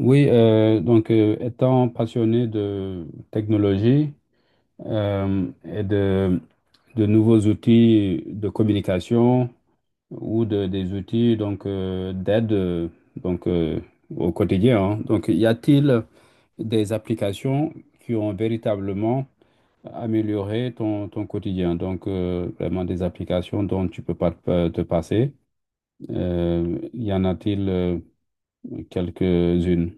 Oui, donc étant passionné de technologie et de nouveaux outils de communication ou des outils donc d'aide donc au quotidien, hein. Donc y a-t-il des applications qui ont véritablement amélioré ton quotidien? Donc vraiment des applications dont tu peux pas te passer. Y en a-t-il quelques-unes.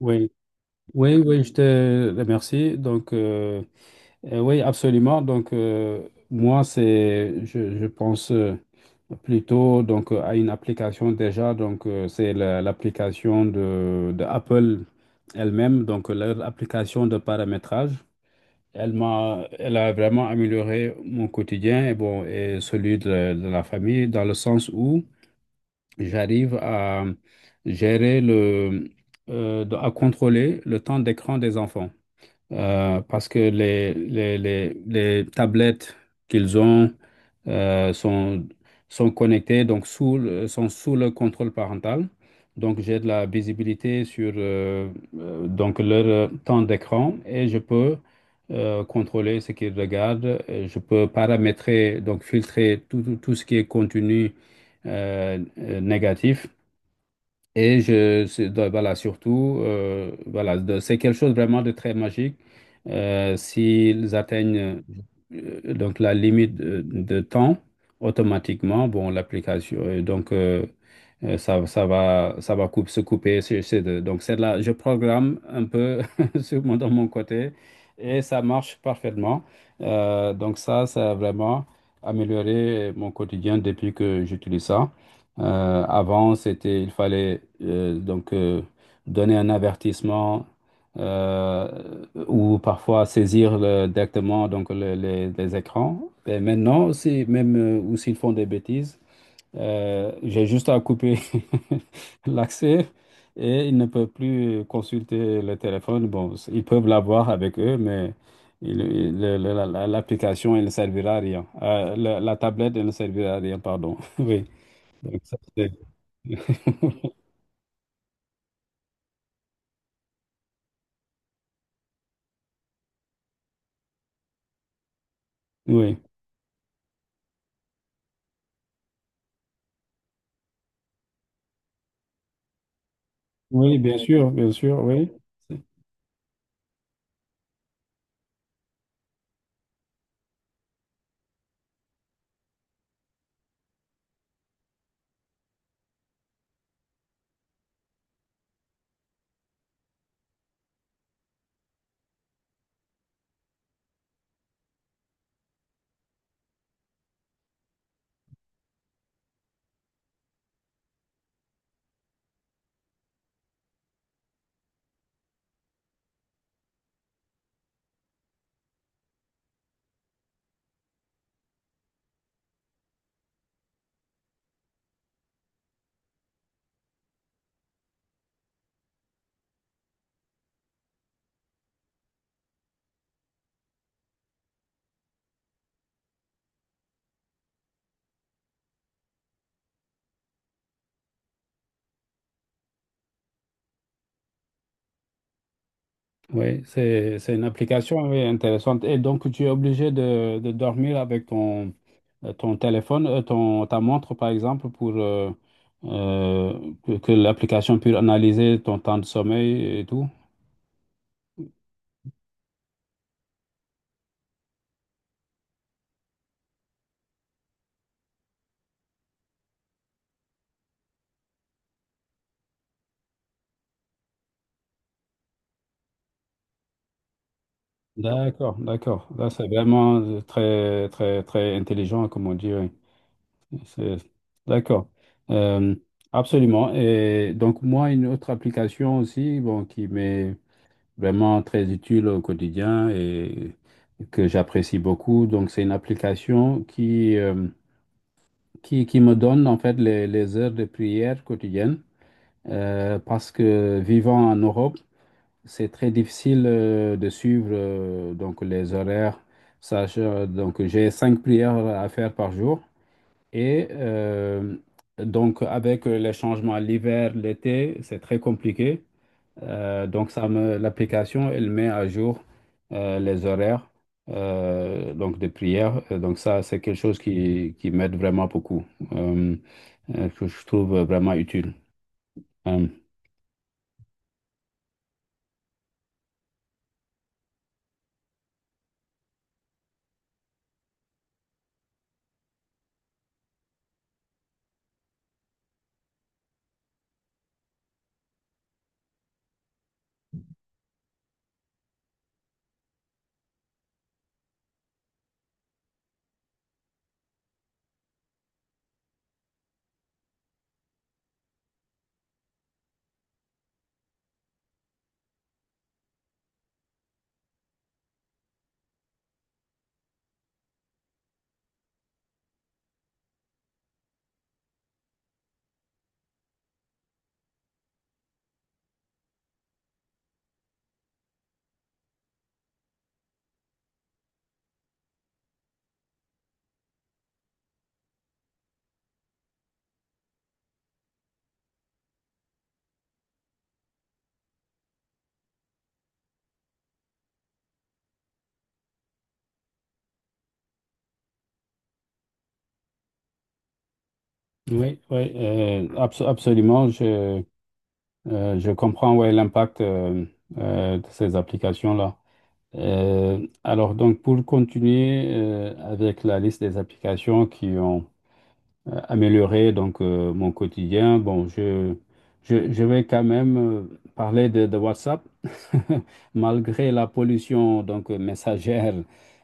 Oui, oui, je te remercie. Donc, oui, absolument. Donc, moi, je pense plutôt donc à une application déjà. Donc, c'est l'application de Apple elle-même, donc leur application de paramétrage. Elle a vraiment amélioré mon quotidien et bon, et celui de la famille dans le sens où j'arrive à gérer à contrôler le temps d'écran des enfants parce que les tablettes qu'ils ont euh, sont, sont connectées, donc sont sous le contrôle parental. Donc j'ai de la visibilité sur donc leur temps d'écran et je peux contrôler ce qu'ils regardent. Et je peux paramétrer, donc filtrer tout ce qui est contenu négatif. Donc, voilà, surtout, voilà, c'est quelque chose vraiment de très magique. S'ils atteignent donc la limite de temps, automatiquement, bon, l'application, ça va, se couper. C'est donc c'est là, je programme un peu sur dans mon côté, et ça marche parfaitement. Donc ça a vraiment amélioré mon quotidien depuis que j'utilise ça. Avant, il fallait donner un avertissement ou parfois directement donc les écrans. Et maintenant aussi, même ou s'ils font des bêtises, j'ai juste à couper l'accès, et ils ne peuvent plus consulter le téléphone. Bon, ils peuvent l'avoir avec eux, mais l'application, elle ne servira à rien. La tablette, elle ne servira à rien, pardon. Oui. Donc, ça, c'est- Oui, oui, bien sûr, oui. Oui, c'est une application, oui, intéressante. Et donc, tu es obligé de dormir avec ton, ton téléphone, ta montre, par exemple, pour euh, que l'application puisse analyser ton temps de sommeil et tout. D'accord, d'accord. Là, c'est vraiment très, très, très intelligent, comme on dit. Oui. C'est- D'accord. Euh, Absolument. Et donc, moi, une autre application aussi, bon, qui m'est vraiment très utile au quotidien et que j'apprécie beaucoup. Donc, c'est une application qui me donne, en fait, les heures de prière quotidienne. Parce que vivant en Europe, c'est très difficile de suivre donc les horaires. Donc j'ai cinq prières à faire par jour et donc avec les changements l'hiver, l'été, c'est très compliqué. Donc ça me L'application, elle met à jour les horaires donc des prières. Donc ça, c'est quelque chose qui m'aide vraiment beaucoup, euh, que je trouve vraiment utile. Euh, oui, absolument. Je comprends, ouais, l'impact de ces applications-là. Alors donc, pour continuer avec la liste des applications qui ont améliorer donc mon quotidien. Je vais quand même parler de WhatsApp. Malgré la pollution donc messagère,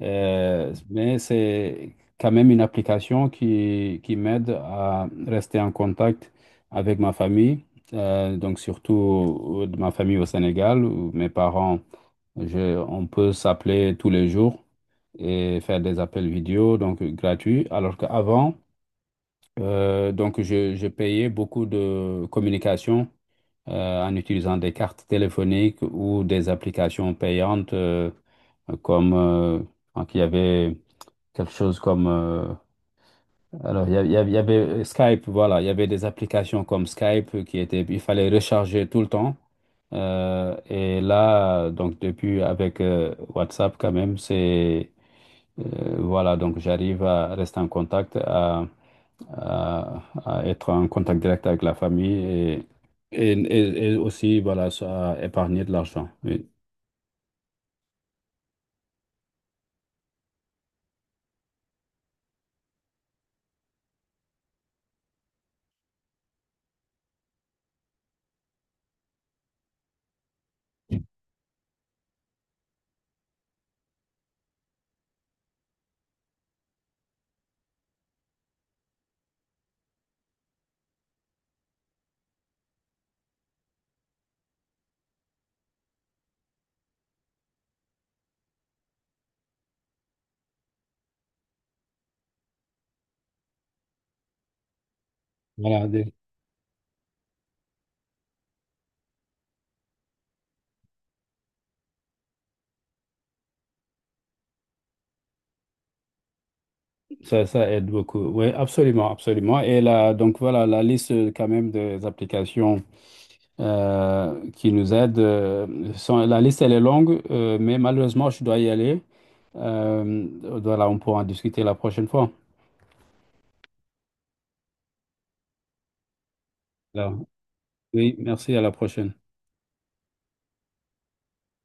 mais c'est quand même une application qui m'aide à rester en contact avec ma famille, donc surtout de ma famille au Sénégal, où mes parents, on peut s'appeler tous les jours et faire des appels vidéo, donc gratuits, alors qu'avant, je payais beaucoup de communication en utilisant des cartes téléphoniques ou des applications payantes comme donc il y avait quelque chose comme, il y avait Skype, voilà, il y avait des applications comme Skype qui étaient, il fallait recharger tout le temps. Et là, donc depuis, avec WhatsApp quand même, c'est voilà, donc j'arrive à rester en contact, à être en contact direct avec la famille, et aussi, voilà, ça, à épargner de l'argent. Oui. Voilà, des- Ça, ça aide beaucoup. Oui, absolument, absolument. Et là, donc voilà, la liste quand même des applications qui nous aident, la liste, elle est longue, mais malheureusement, je dois y aller. Euh, voilà, on pourra en discuter la prochaine fois. Voilà. Oui, merci, à la prochaine.